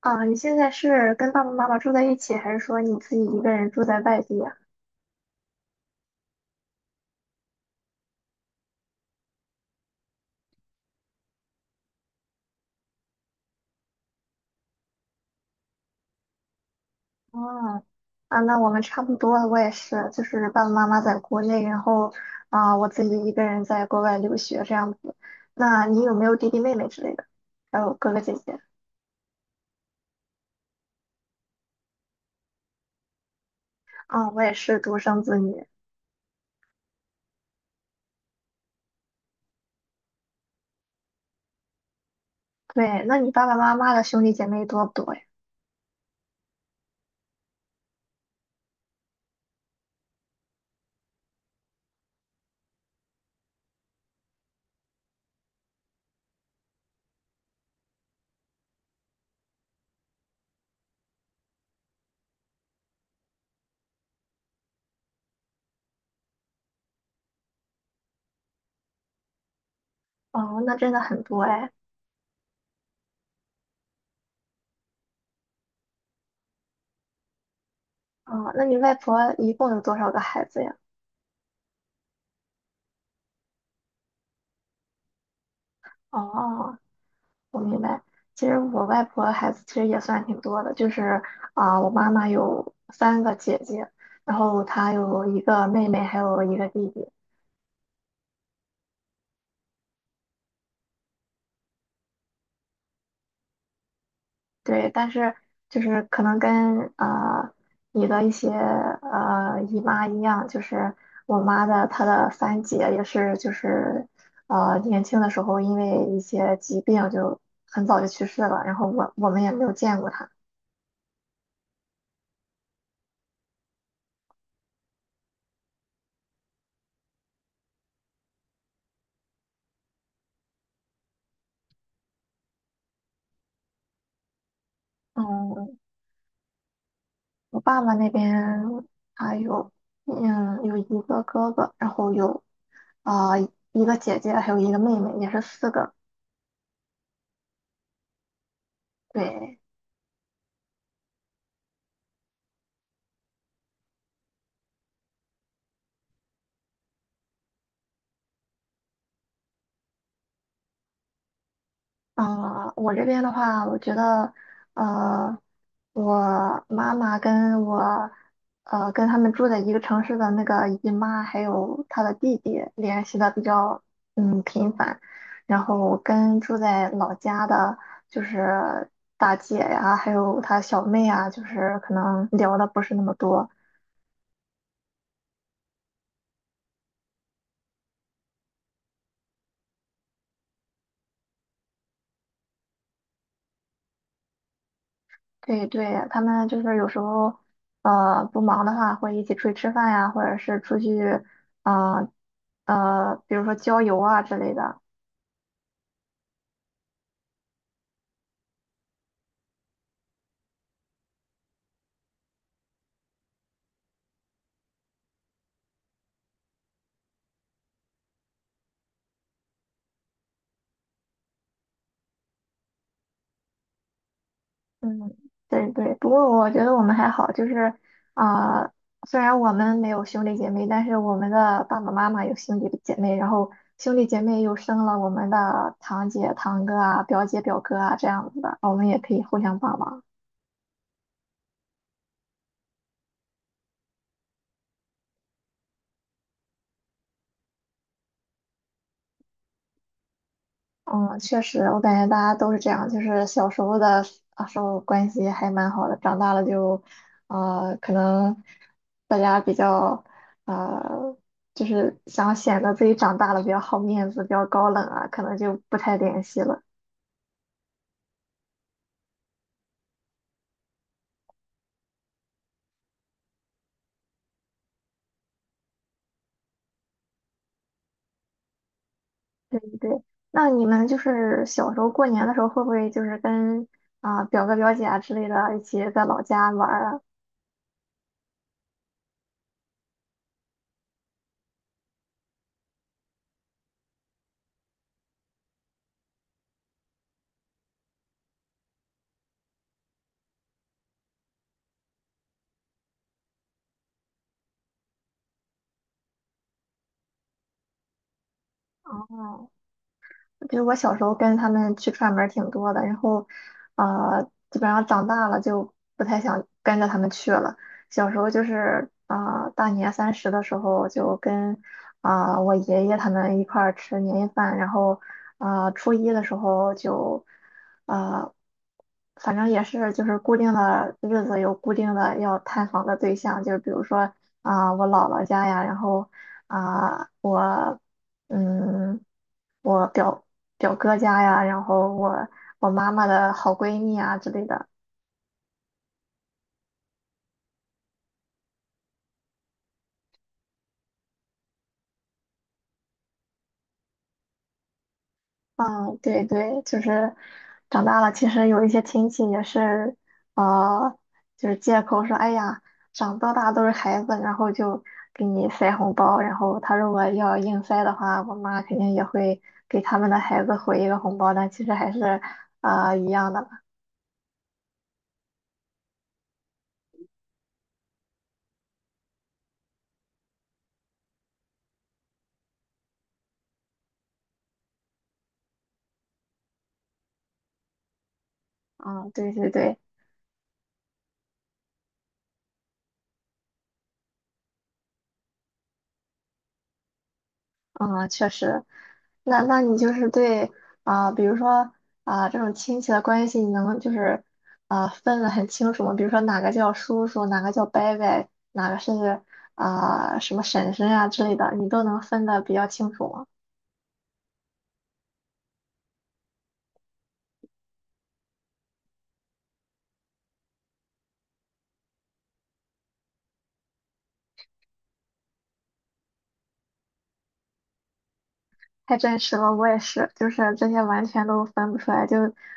你现在是跟爸爸妈妈住在一起，还是说你自己一个人住在外地啊？哦，那我们差不多，我也是，就是爸爸妈妈在国内，然后我自己一个人在国外留学这样子。那你有没有弟弟妹妹之类的？还有哥哥姐姐？我也是独生子女。对，那你爸爸妈妈的兄弟姐妹多不多呀？哦，那真的很多哎。哦，那你外婆一共有多少个孩子呀？哦，我明白。其实我外婆孩子其实也算挺多的，就是我妈妈有三个姐姐，然后她有一个妹妹，还有一个弟弟。对，但是就是可能跟你的一些姨妈一样，就是我妈的她的三姐也是就是年轻的时候因为一些疾病就很早就去世了，然后我们也没有见过她。嗯。我爸爸那边他有，嗯，有一个哥哥，然后有一个姐姐，还有一个妹妹，也是四个。对，我这边的话，我觉得，呃，我妈妈跟我，跟他们住在一个城市的那个姨妈，还有她的弟弟联系的比较，嗯，频繁。然后跟住在老家的，就是大姐呀，还有她小妹啊，就是可能聊的不是那么多。对对，他们就是有时候，不忙的话会一起出去吃饭呀，或者是出去，呃比如说郊游啊之类的。嗯，对对。不过我觉得我们还好，就是，啊、呃虽然我们没有兄弟姐妹，但是我们的爸爸妈妈有兄弟姐妹，然后兄弟姐妹又生了我们的堂姐、堂哥啊、表姐、表哥啊这样子的，我们也可以互相帮忙。嗯，确实，我感觉大家都是这样，就是小时候的时候关系还蛮好的，长大了就，可能大家比较，呃，就是想显得自己长大了比较好面子，比较高冷啊，可能就不太联系了。对对，那你们就是小时候过年的时候，会不会就是跟表哥表姐啊之类的一起在老家玩儿啊？哦，比如我小时候跟他们去串门儿挺多的，然后，基本上长大了就不太想跟着他们去了。小时候就是大年三十的时候就跟我爷爷他们一块儿吃年夜饭，然后初一的时候就呃，反正也是就是固定的日子有固定的要探访的对象，就是比如说我姥姥家呀，然后我嗯。我表表哥家呀，然后我我妈妈的好闺蜜啊之类的。嗯，对对，就是长大了，其实有一些亲戚也是，呃，就是借口说，哎呀，长到大都是孩子，然后就给你塞红包，然后他如果要硬塞的话，我妈肯定也会给他们的孩子回一个红包，但其实还是，一样的。嗯，对对对。嗯，确实，那你就是对比如说这种亲戚的关系，你能就是分的很清楚吗？比如说哪个叫叔叔，哪个叫伯伯，哪个是什么婶婶呀、之类的，你都能分的比较清楚吗？太真实了，我也是，就是这些完全都分不出来。就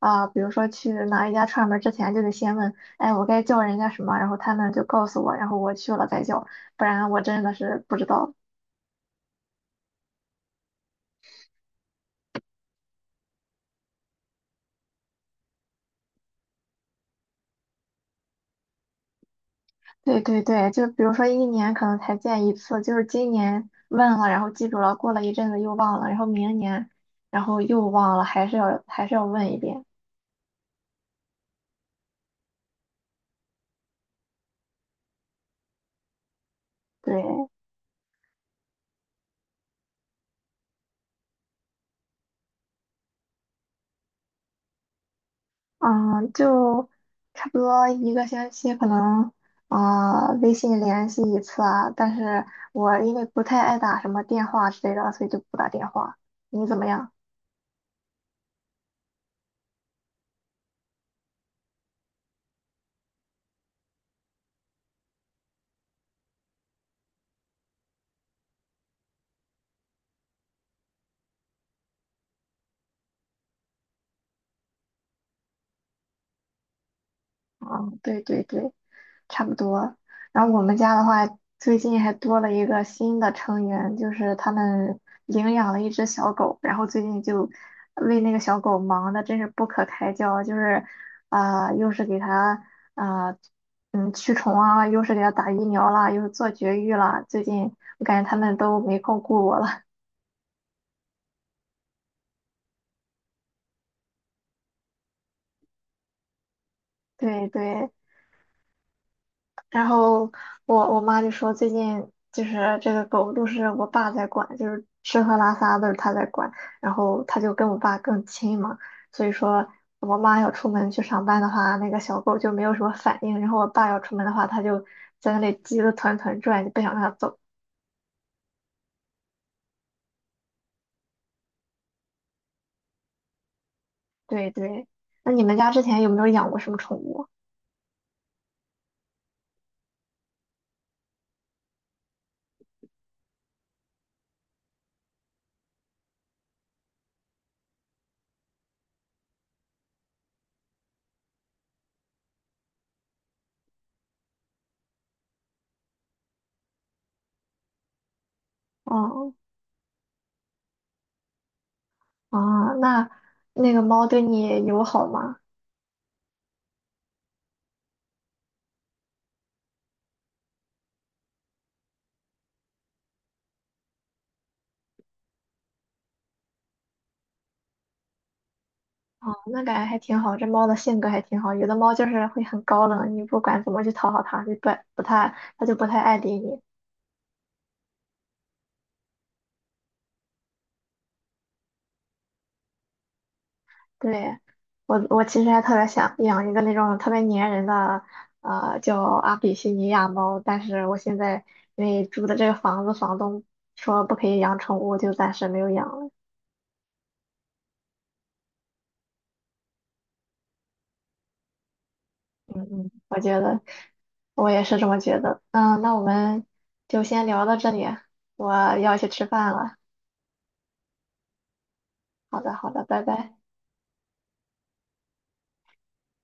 比如说去哪一家串门儿之前，就得先问，哎，我该叫人家什么，然后他们就告诉我，然后我去了再叫，不然我真的是不知道。对对对，就比如说一年可能才见一次，就是今年问了，然后记住了，过了一阵子又忘了，然后明年，然后又忘了，还是要问一遍。对，嗯，就差不多一个星期可能微信联系一次啊，但是我因为不太爱打什么电话之类的，所以就不打电话。你怎么样？嗯，对对对。差不多。然后我们家的话，最近还多了一个新的成员，就是他们领养了一只小狗，然后最近就为那个小狗忙的真是不可开交，就是又是给它啊、驱虫啊，又是给它打疫苗啦，又是做绝育啦。最近我感觉他们都没空顾我了。对对，然后我妈就说最近就是这个狗都是我爸在管，就是吃喝拉撒都是他在管，然后他就跟我爸更亲嘛，所以说我妈要出门去上班的话，那个小狗就没有什么反应，然后我爸要出门的话，它就在那里急得团团转，就不想让它走。对对，那你们家之前有没有养过什么宠物？哦哦，那那个猫对你友好吗？哦，那感觉还挺好，这猫的性格还挺好。有的猫就是会很高冷，你不管怎么去讨好它，就不太，它就不太爱理你。对，我其实还特别想养一个那种特别粘人的，叫阿比西尼亚猫，但是我现在因为住的这个房子，房东说不可以养宠物，就暂时没有养了。嗯嗯，我觉得我也是这么觉得。嗯，那我们就先聊到这里，我要去吃饭了。好的，好的，拜拜。